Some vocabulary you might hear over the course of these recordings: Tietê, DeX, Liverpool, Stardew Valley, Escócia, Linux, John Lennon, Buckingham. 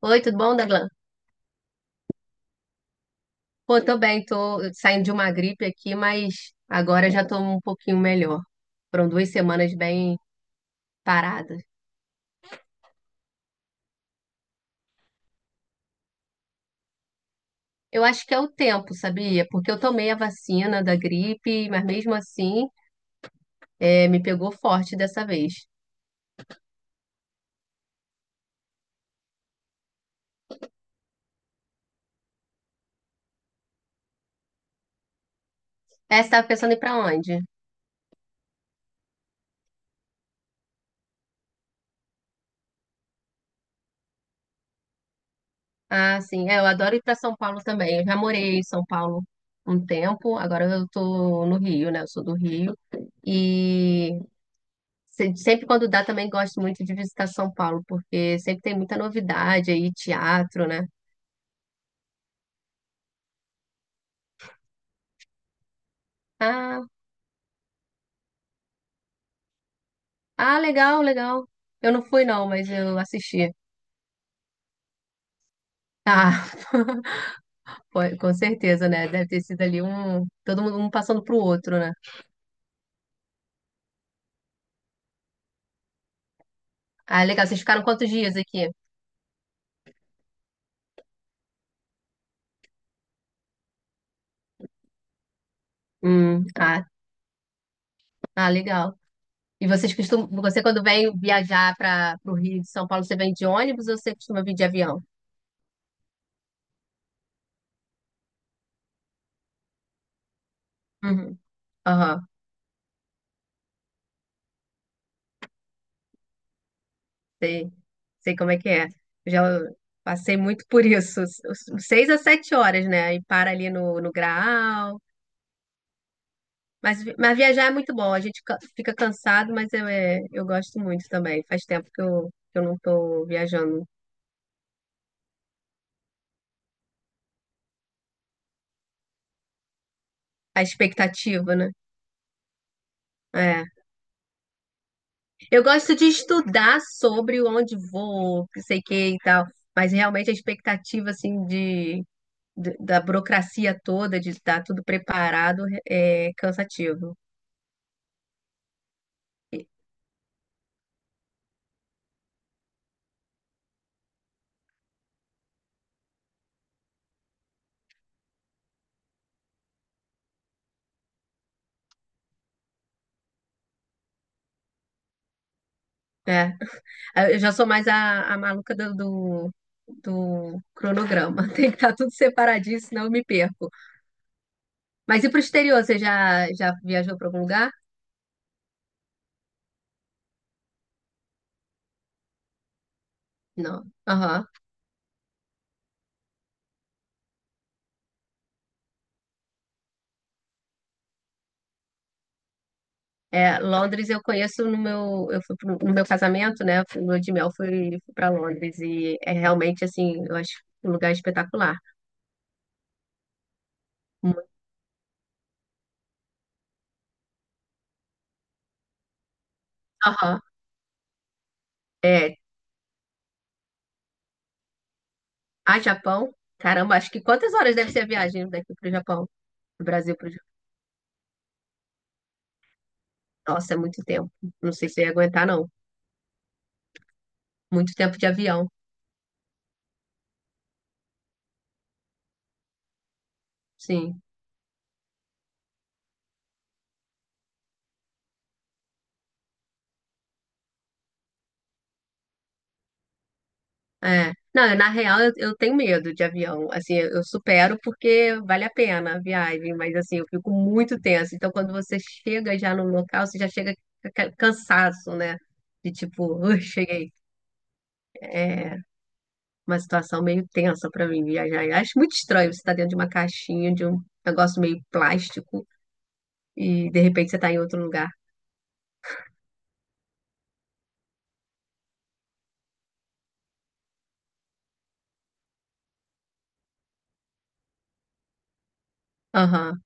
Oi, tudo bom, Daglan? Pô, tô bem, tô saindo de uma gripe aqui, mas agora já tô um pouquinho melhor. Foram duas semanas bem paradas. Eu acho que é o tempo, sabia? Porque eu tomei a vacina da gripe, mas mesmo assim, me pegou forte dessa vez. É, você tava pensando em ir pra onde? Ah, sim, é, eu adoro ir pra São Paulo também. Eu já morei em São Paulo um tempo, agora eu tô no Rio, né? Eu sou do Rio. E Sempre quando dá, também gosto muito de visitar São Paulo, porque sempre tem muita novidade aí, teatro, né? Ah, ah, legal, legal. Eu não fui, não, mas eu assisti. Ah, com certeza, né? Deve ter sido ali um. Todo mundo um passando pro outro, né? Ah, legal. Vocês ficaram quantos dias aqui? Ah, ah, legal. E vocês costumam. Você, quando vem viajar para o Rio de São Paulo, você vem de ônibus ou você costuma vir de avião? Uhum. Aham. Sei, sei como é que é. Já passei muito por isso. Seis a sete horas, né? E para ali no Graal. Mas, mas viajar é muito bom. A gente fica cansado, mas eu gosto muito também. Faz tempo que eu não tô viajando. A expectativa, né? É. Eu gosto de estudar sobre onde vou, que sei que e tal. Mas realmente a expectativa, assim, da burocracia toda, de estar tudo preparado, é cansativo. Né? Ah, eu já sou mais a maluca do cronograma. Tem que estar tudo separadinho, senão eu me perco. Mas e para o exterior? Você já viajou para algum lugar? Não. Aham. É, Londres eu conheço no meu, no meu casamento, né? No meu de mel fui, fui para Londres e é realmente assim, eu acho um lugar espetacular. Muito. Aham. É, a Japão. Caramba, acho que quantas horas deve ser a viagem daqui para o Japão? Do Brasil para o Japão. Nossa, é muito tempo. Não sei se eu ia aguentar, não. Muito tempo de avião. Sim. É. Não, na real, eu tenho medo de avião. Assim, eu supero porque vale a pena a viagem, mas assim, eu fico muito tensa. Então, quando você chega já no local, você já chega com aquele cansaço, né? De tipo, "Ui, cheguei." É uma situação meio tensa pra mim viajar. Eu acho muito estranho você estar dentro de uma caixinha, de um negócio meio plástico, e de repente você tá em outro lugar. Aham.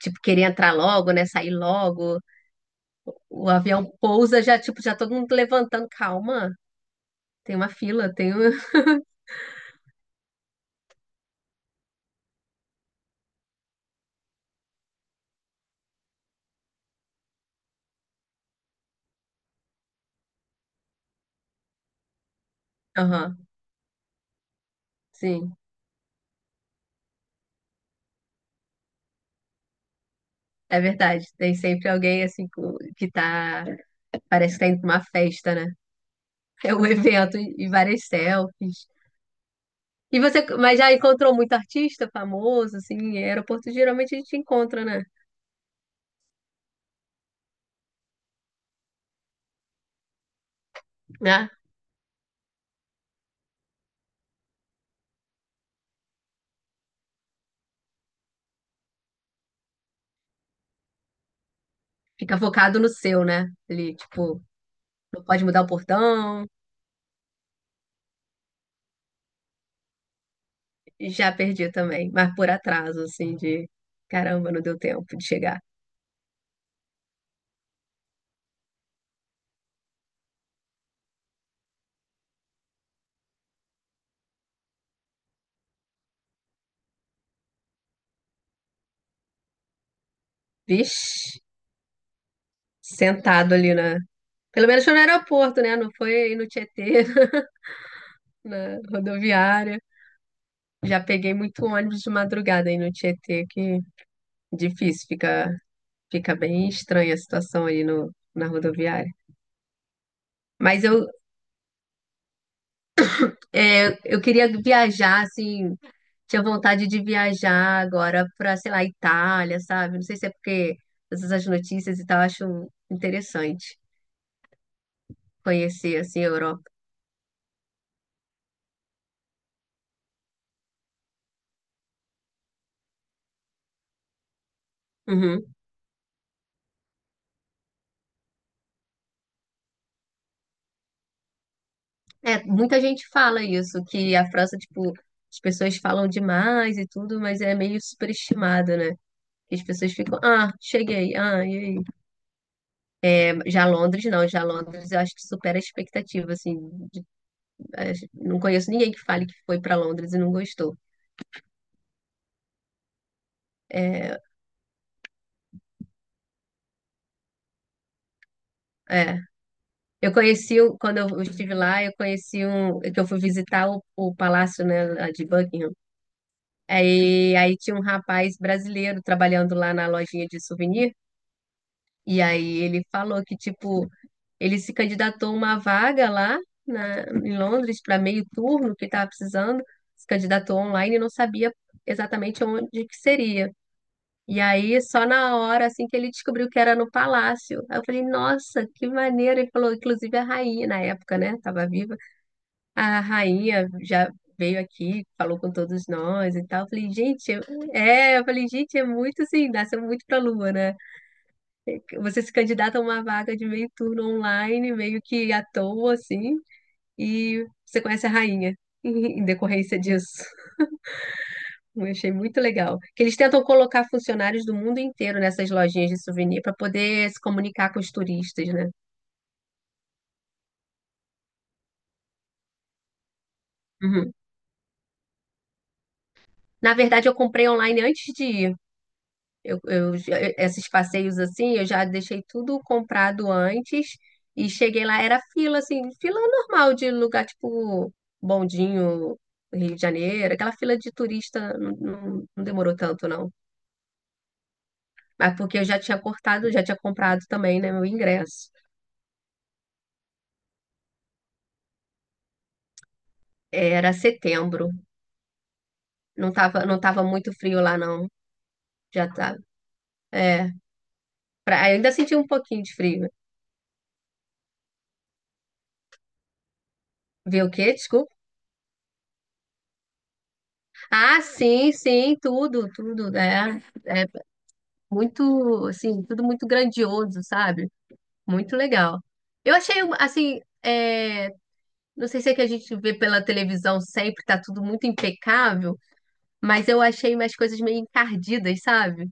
Tipo, querer entrar logo, né? Sair logo. O avião pousa, já, tipo, já todo mundo levantando. Calma, tem uma fila, tem um. Aham, sim, é verdade. Tem sempre alguém assim que tá, parece que tá indo pra uma festa, né? É um evento e várias selfies. E você, mas já encontrou muito artista famoso, assim, em aeroporto geralmente a gente encontra, né? Né? Fica focado no seu, né? Ali, tipo, não pode mudar o portão. Já perdi também, mas por atraso, assim, de caramba, não deu tempo de chegar. Vixe, sentado ali na. Pelo menos foi no aeroporto, né? Não foi no Tietê, na rodoviária. Já peguei muito ônibus de madrugada aí no Tietê, que difícil, fica, fica bem estranha a situação aí no, na rodoviária. Mas eu queria viajar, assim, tinha vontade de viajar agora para, sei lá, Itália, sabe? Não sei se é porque essas notícias e tal, eu acho interessante conhecer, assim, a Europa. Uhum. É, muita gente fala isso, que a França, tipo, as pessoas falam demais e tudo, mas é meio superestimada, né? As pessoas ficam, ah, cheguei, ah, e aí? É, já Londres, não, já Londres eu acho que supera a expectativa, assim. de- não conheço ninguém que fale que foi para Londres e não gostou. É, é. Eu conheci, quando eu estive lá, eu conheci um, que eu fui visitar o palácio, né, lá de Buckingham. Aí tinha um rapaz brasileiro trabalhando lá na lojinha de souvenir, e aí ele falou que, tipo, ele se candidatou a uma vaga lá em Londres para meio turno que estava precisando. Se candidatou online e não sabia exatamente onde que seria. E aí, só na hora, assim, que ele descobriu que era no palácio. Aí eu falei, nossa, que maneiro. Ele falou, inclusive a rainha, na época, né? Tava viva. A rainha já veio aqui, falou com todos nós e tal. Eu falei, gente, é... é, eu falei, gente, é muito assim, nasceu muito pra lua, né? Você se candidata a uma vaga de meio turno online, meio que à toa, assim, e você conhece a rainha em decorrência disso. Eu achei muito legal. Que eles tentam colocar funcionários do mundo inteiro nessas lojinhas de souvenir para poder se comunicar com os turistas, né? Uhum. Na verdade, eu comprei online antes de ir. Esses passeios assim, eu já deixei tudo comprado antes e cheguei lá, era fila, assim, fila normal de lugar tipo Bondinho, Rio de Janeiro, aquela fila de turista não, não demorou tanto, não. Mas porque eu já tinha cortado, já tinha comprado também, né, meu ingresso. Era setembro, não tava muito frio lá, não. Já tava. É, ainda senti um pouquinho de frio. Ver o quê? Desculpa. Ah, sim, sim, tudo, tudo, né? É. Muito, assim, tudo muito grandioso, sabe? Muito legal. Eu achei, não sei se é que a gente vê pela televisão sempre, tá tudo muito impecável, mas eu achei umas coisas meio encardidas, sabe?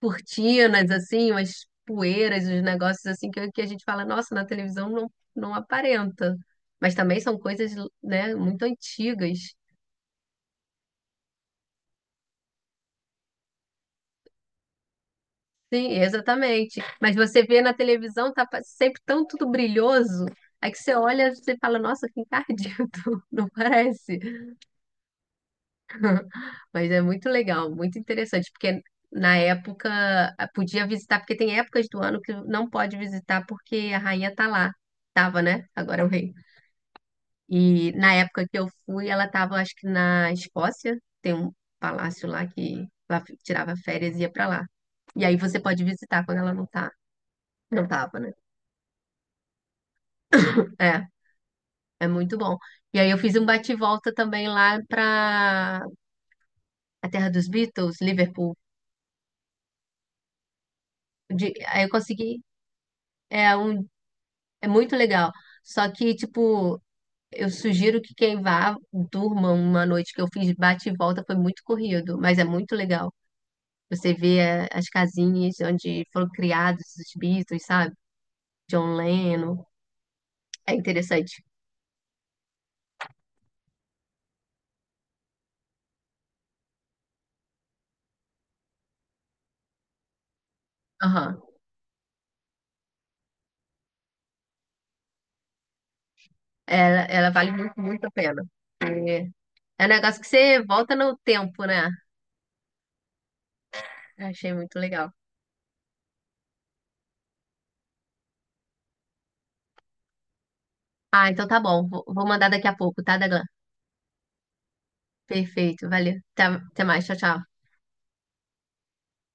Cortinas, assim, umas poeiras, uns negócios assim que a gente fala, nossa, na televisão não, não aparenta. Mas também são coisas, né, muito antigas. Sim, exatamente. Mas você vê na televisão, sempre tão tudo brilhoso. Aí que você olha, você fala, nossa, que encardido, não parece. Mas é muito legal, muito interessante, porque na época ah, podia visitar, porque tem épocas do ano que não pode visitar porque a rainha tá lá. Tava, né? Agora é o rei. E na época que eu fui, ela tava, acho que na Escócia, tem um palácio lá que ela tirava férias e ia pra lá. E aí você pode visitar quando ela não tá, não tava, né? É. É muito bom. E aí eu fiz um bate-volta também lá para a terra dos Beatles, Liverpool. Aí eu consegui. É, um, é muito legal. Só que, tipo, eu sugiro que quem vá durma uma noite que eu fiz bate-volta, foi muito corrido, mas é muito legal. Você vê as casinhas onde foram criados os Beatles, sabe? John Lennon. É interessante. Aham. Ela vale muito, muito a pena. É, é um negócio que você volta no tempo, né? Achei muito legal. Ah, então tá bom. Vou mandar daqui a pouco, tá, Daglan? Perfeito, valeu. Até mais, tchau, tchau.